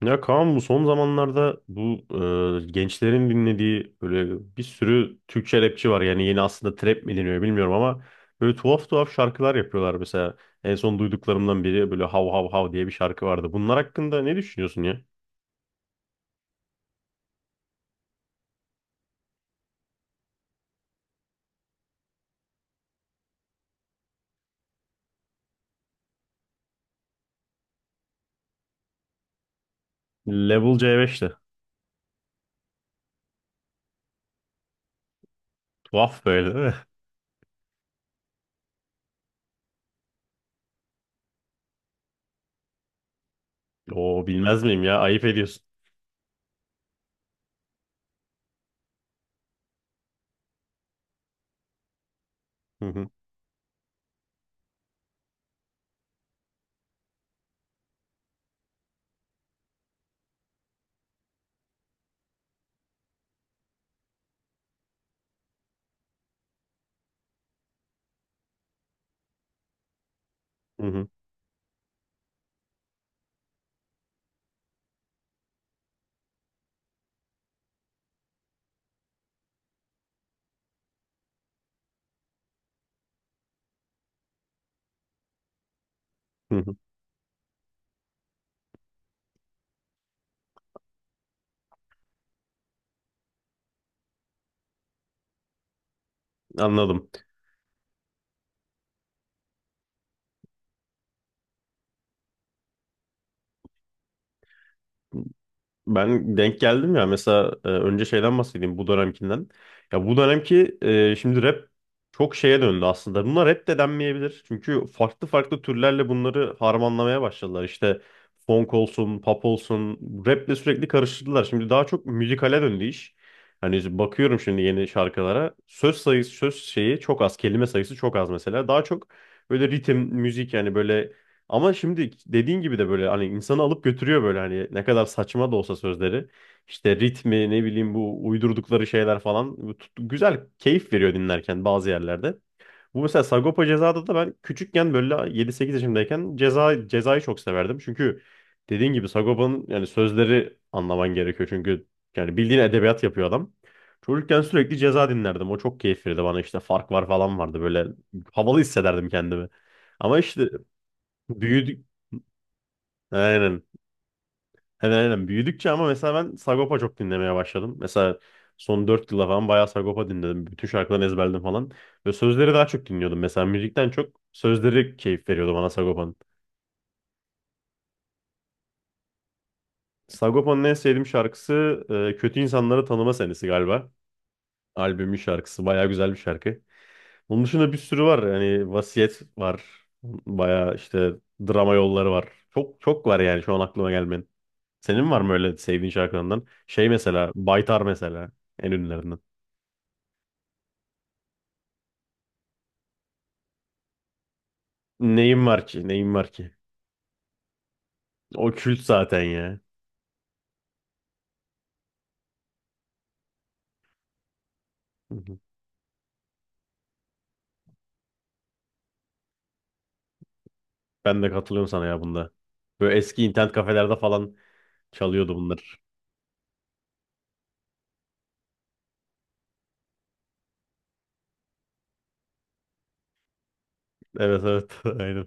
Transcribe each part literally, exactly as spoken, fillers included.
Ya Kaan, bu son zamanlarda bu e, gençlerin dinlediği böyle bir sürü Türkçe rapçi var. Yani yeni aslında trap mi deniyor bilmiyorum ama böyle tuhaf tuhaf şarkılar yapıyorlar. Mesela en son duyduklarımdan biri böyle Hav Hav Hav diye bir şarkı vardı. Bunlar hakkında ne düşünüyorsun ya? Level c beşte. Tuhaf böyle değil mi? Oo, bilmez miyim ya? Ayıp ediyorsun. Hı hı. Hı hı. Hı hı. Anladım. Ben denk geldim ya. Mesela e, önce şeyden bahsedeyim bu dönemkinden. Ya bu dönemki e, şimdi rap çok şeye döndü aslında. Bunlar rap de denmeyebilir. Çünkü farklı farklı türlerle bunları harmanlamaya başladılar. İşte funk olsun, pop olsun, raple sürekli karıştırdılar. Şimdi daha çok müzikale döndü iş. Hani bakıyorum şimdi yeni şarkılara. Söz sayısı, söz şeyi çok az, kelime sayısı çok az mesela. Daha çok böyle ritim, müzik, yani böyle, ama şimdi dediğin gibi de böyle hani insanı alıp götürüyor, böyle hani ne kadar saçma da olsa sözleri. İşte ritmi, ne bileyim, bu uydurdukları şeyler falan, bu tut- güzel keyif veriyor dinlerken bazı yerlerde. Bu mesela Sagopa Ceza'da da ben küçükken, böyle yedi sekiz yaşındayken, ceza cezayı çok severdim. Çünkü dediğin gibi Sagopa'nın yani sözleri anlaman gerekiyor. Çünkü yani bildiğin edebiyat yapıyor adam. Çocukken sürekli Ceza dinlerdim. O çok keyif verirdi bana. İşte fark var falan vardı, böyle havalı hissederdim kendimi. Ama işte büyüdük. Aynen. Aynen aynen. Büyüdükçe ama mesela ben Sagopa çok dinlemeye başladım. Mesela son dört yıla falan bayağı Sagopa dinledim. Bütün şarkılarını ezberledim falan. Ve sözleri daha çok dinliyordum. Mesela müzikten çok sözleri keyif veriyordu bana Sagopa'nın. Sagopa'nın en sevdiğim şarkısı e, Kötü İnsanları Tanıma Senesi galiba. Albümün şarkısı. Bayağı güzel bir şarkı. Onun dışında bir sürü var. Yani Vasiyet var. Bayağı işte drama yolları var. Çok çok var yani şu an aklıma gelmeyen. Senin var mı öyle sevdiğin şarkılarından? Şey mesela Baytar, mesela en ünlülerinden. Neyim var ki? Neyim var ki? O kült zaten ya. Hı hı. Ben de katılıyorum sana ya bunda. Böyle eski internet kafelerde falan çalıyordu bunlar. Evet, evet, aynen.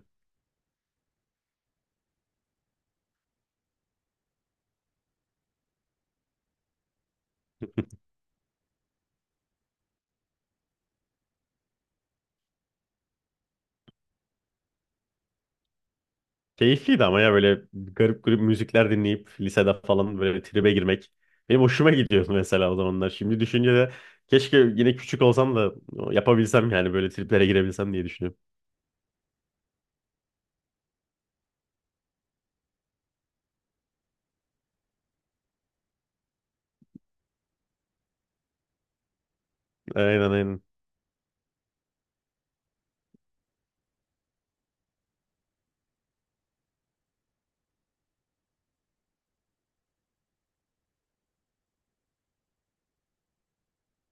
Keyifliydi ama ya, böyle garip garip müzikler dinleyip lisede falan böyle bir tribe girmek. Benim hoşuma gidiyordu mesela o zamanlar. Şimdi düşünce de keşke yine küçük olsam da yapabilsem, yani böyle triplere girebilsem diye düşünüyorum. Aynen aynen.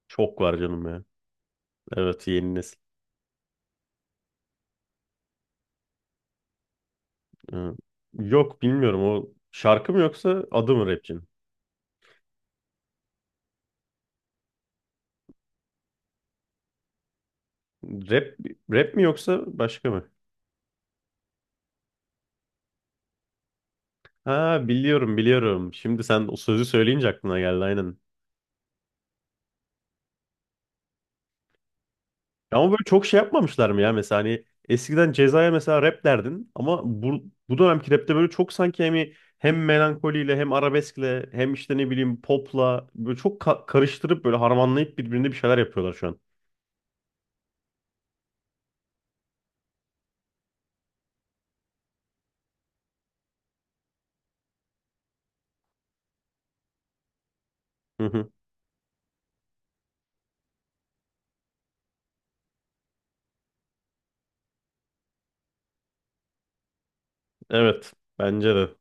Çok var canım ya. Evet, yeni nesil. Ee, Yok, bilmiyorum, o şarkı mı yoksa adı mı rapçinin? Rap, rap mi yoksa başka mı? Ha, biliyorum biliyorum. Şimdi sen o sözü söyleyince aklına geldi, aynen. Ya ama böyle çok şey yapmamışlar mı ya, mesela hani eskiden Ceza'ya mesela rap derdin, ama bu, bu dönemki rapte böyle çok sanki hani hem melankoliyle hem arabeskle hem işte ne bileyim popla böyle çok ka- karıştırıp böyle harmanlayıp birbirine bir şeyler yapıyorlar şu an. Hı hı. Evet, bence de.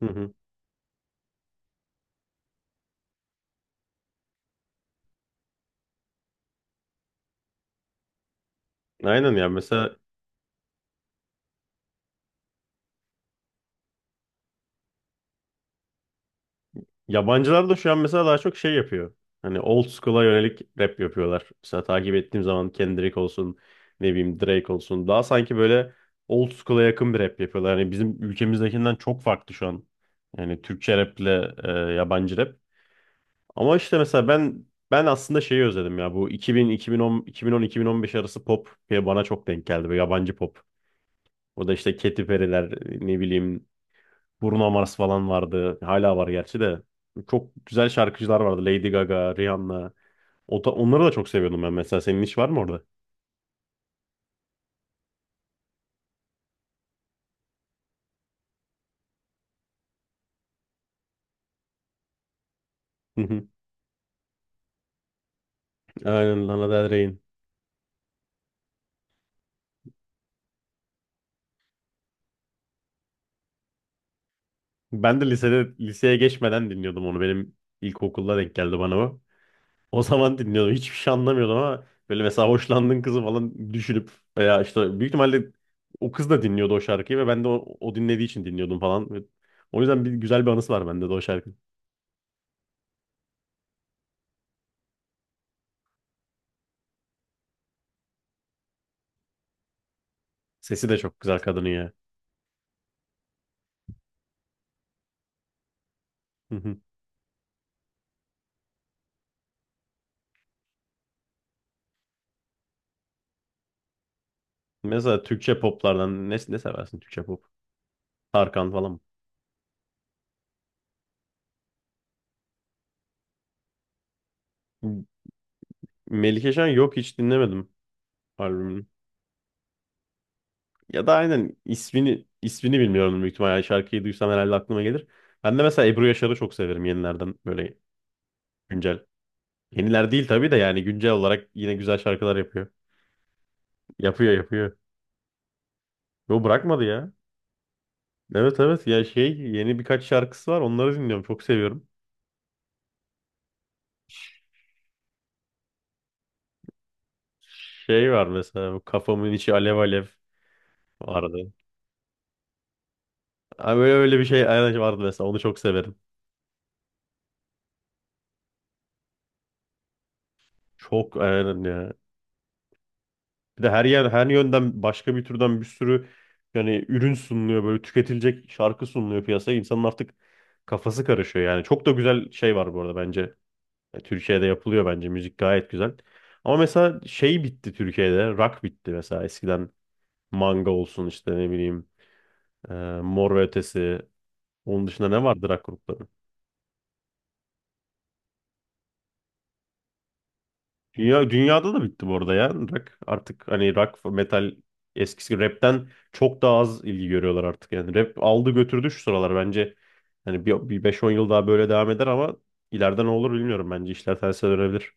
Hı hı. Aynen ya, mesela yabancılar da şu an mesela daha çok şey yapıyor. Hani old school'a yönelik rap yapıyorlar. Mesela takip ettiğim zaman Kendrick olsun, ne bileyim Drake olsun. Daha sanki böyle old school'a yakın bir rap yapıyorlar. Hani bizim ülkemizdekinden çok farklı şu an. Yani Türkçe rap ile e, yabancı rap. Ama işte mesela ben ben aslında şeyi özledim ya. Bu iki bin, iki bin on, iki bin on, iki bin on beş arası pop bana çok denk geldi. Böyle yabancı pop. O da işte Katy Perry'ler, ne bileyim Bruno Mars falan vardı. Hala var gerçi de. Çok güzel şarkıcılar vardı. Lady Gaga, Rihanna. O da- onları da çok seviyordum ben mesela. Senin hiç var mı orada? Hı hı. Aynen, Lana Del Rey'in. Ben de lisede, liseye geçmeden dinliyordum onu. Benim ilkokulda denk geldi bana o. O zaman dinliyordum. Hiçbir şey anlamıyordum, ama böyle mesela hoşlandığın kızı falan düşünüp, veya işte büyük ihtimalle o kız da dinliyordu o şarkıyı ve ben de o, o dinlediği için dinliyordum falan. Ve o yüzden bir güzel bir anısı var bende de o şarkının. Sesi de çok güzel kadının ya. Mesela Türkçe poplardan ne, ne seversin Türkçe pop? Tarkan falan mı? M- Melike Şen, yok, hiç dinlemedim albümünü. Ya da aynen, ismini ismini bilmiyorum büyük ihtimalle. Yani şarkıyı duysam herhalde aklıma gelir. Ben de mesela Ebru Yaşar'ı çok severim, yenilerden, böyle güncel. Yeniler değil tabii de, yani güncel olarak yine güzel şarkılar yapıyor. Yapıyor yapıyor. Yo, bırakmadı ya. Evet, evet ya, şey, yeni birkaç şarkısı var, onları dinliyorum, çok seviyorum. Şey var mesela, bu kafamın içi alev alev vardı. Ha, böyle öyle bir şey aynen vardı, mesela onu çok severim. Çok, aynen ya. Bir de her yer, her yönden başka bir türden bir sürü, yani ürün sunuluyor, böyle tüketilecek şarkı sunuluyor piyasaya. İnsanın artık kafası karışıyor yani. Çok da güzel şey var bu arada bence. E, Türkiye'de yapılıyor bence müzik gayet güzel. Ama mesela şey bitti Türkiye'de. Rock bitti mesela, eskiden manga olsun, işte ne bileyim, e, Mor ve Ötesi. Onun dışında ne vardı rock grupları? Dünya, dünyada da bitti bu arada ya. Rock artık, hani rock metal, eskisi gibi rapten çok daha az ilgi görüyorlar artık. Yani rap aldı götürdü şu sıralar bence. Hani bir, bir beş on yıl daha böyle devam eder, ama ileride ne olur bilmiyorum, bence işler terse dönebilir.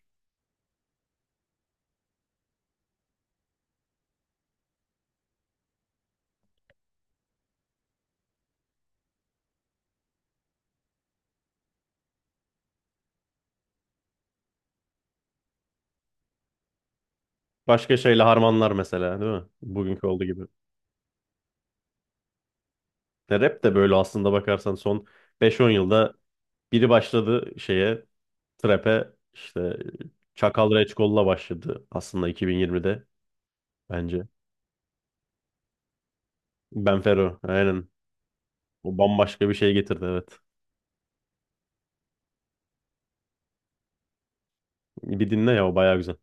Başka şeyle harmanlar mesela, değil mi? Bugünkü olduğu gibi. Ya rap de böyle aslında, bakarsan son beş on yılda biri başladı şeye, trap'e işte. Çakal Reçkol'la başladı aslında iki bin yirmide bence. Ben Fero, aynen. O bambaşka bir şey getirdi, evet. Bir dinle ya, o baya güzel.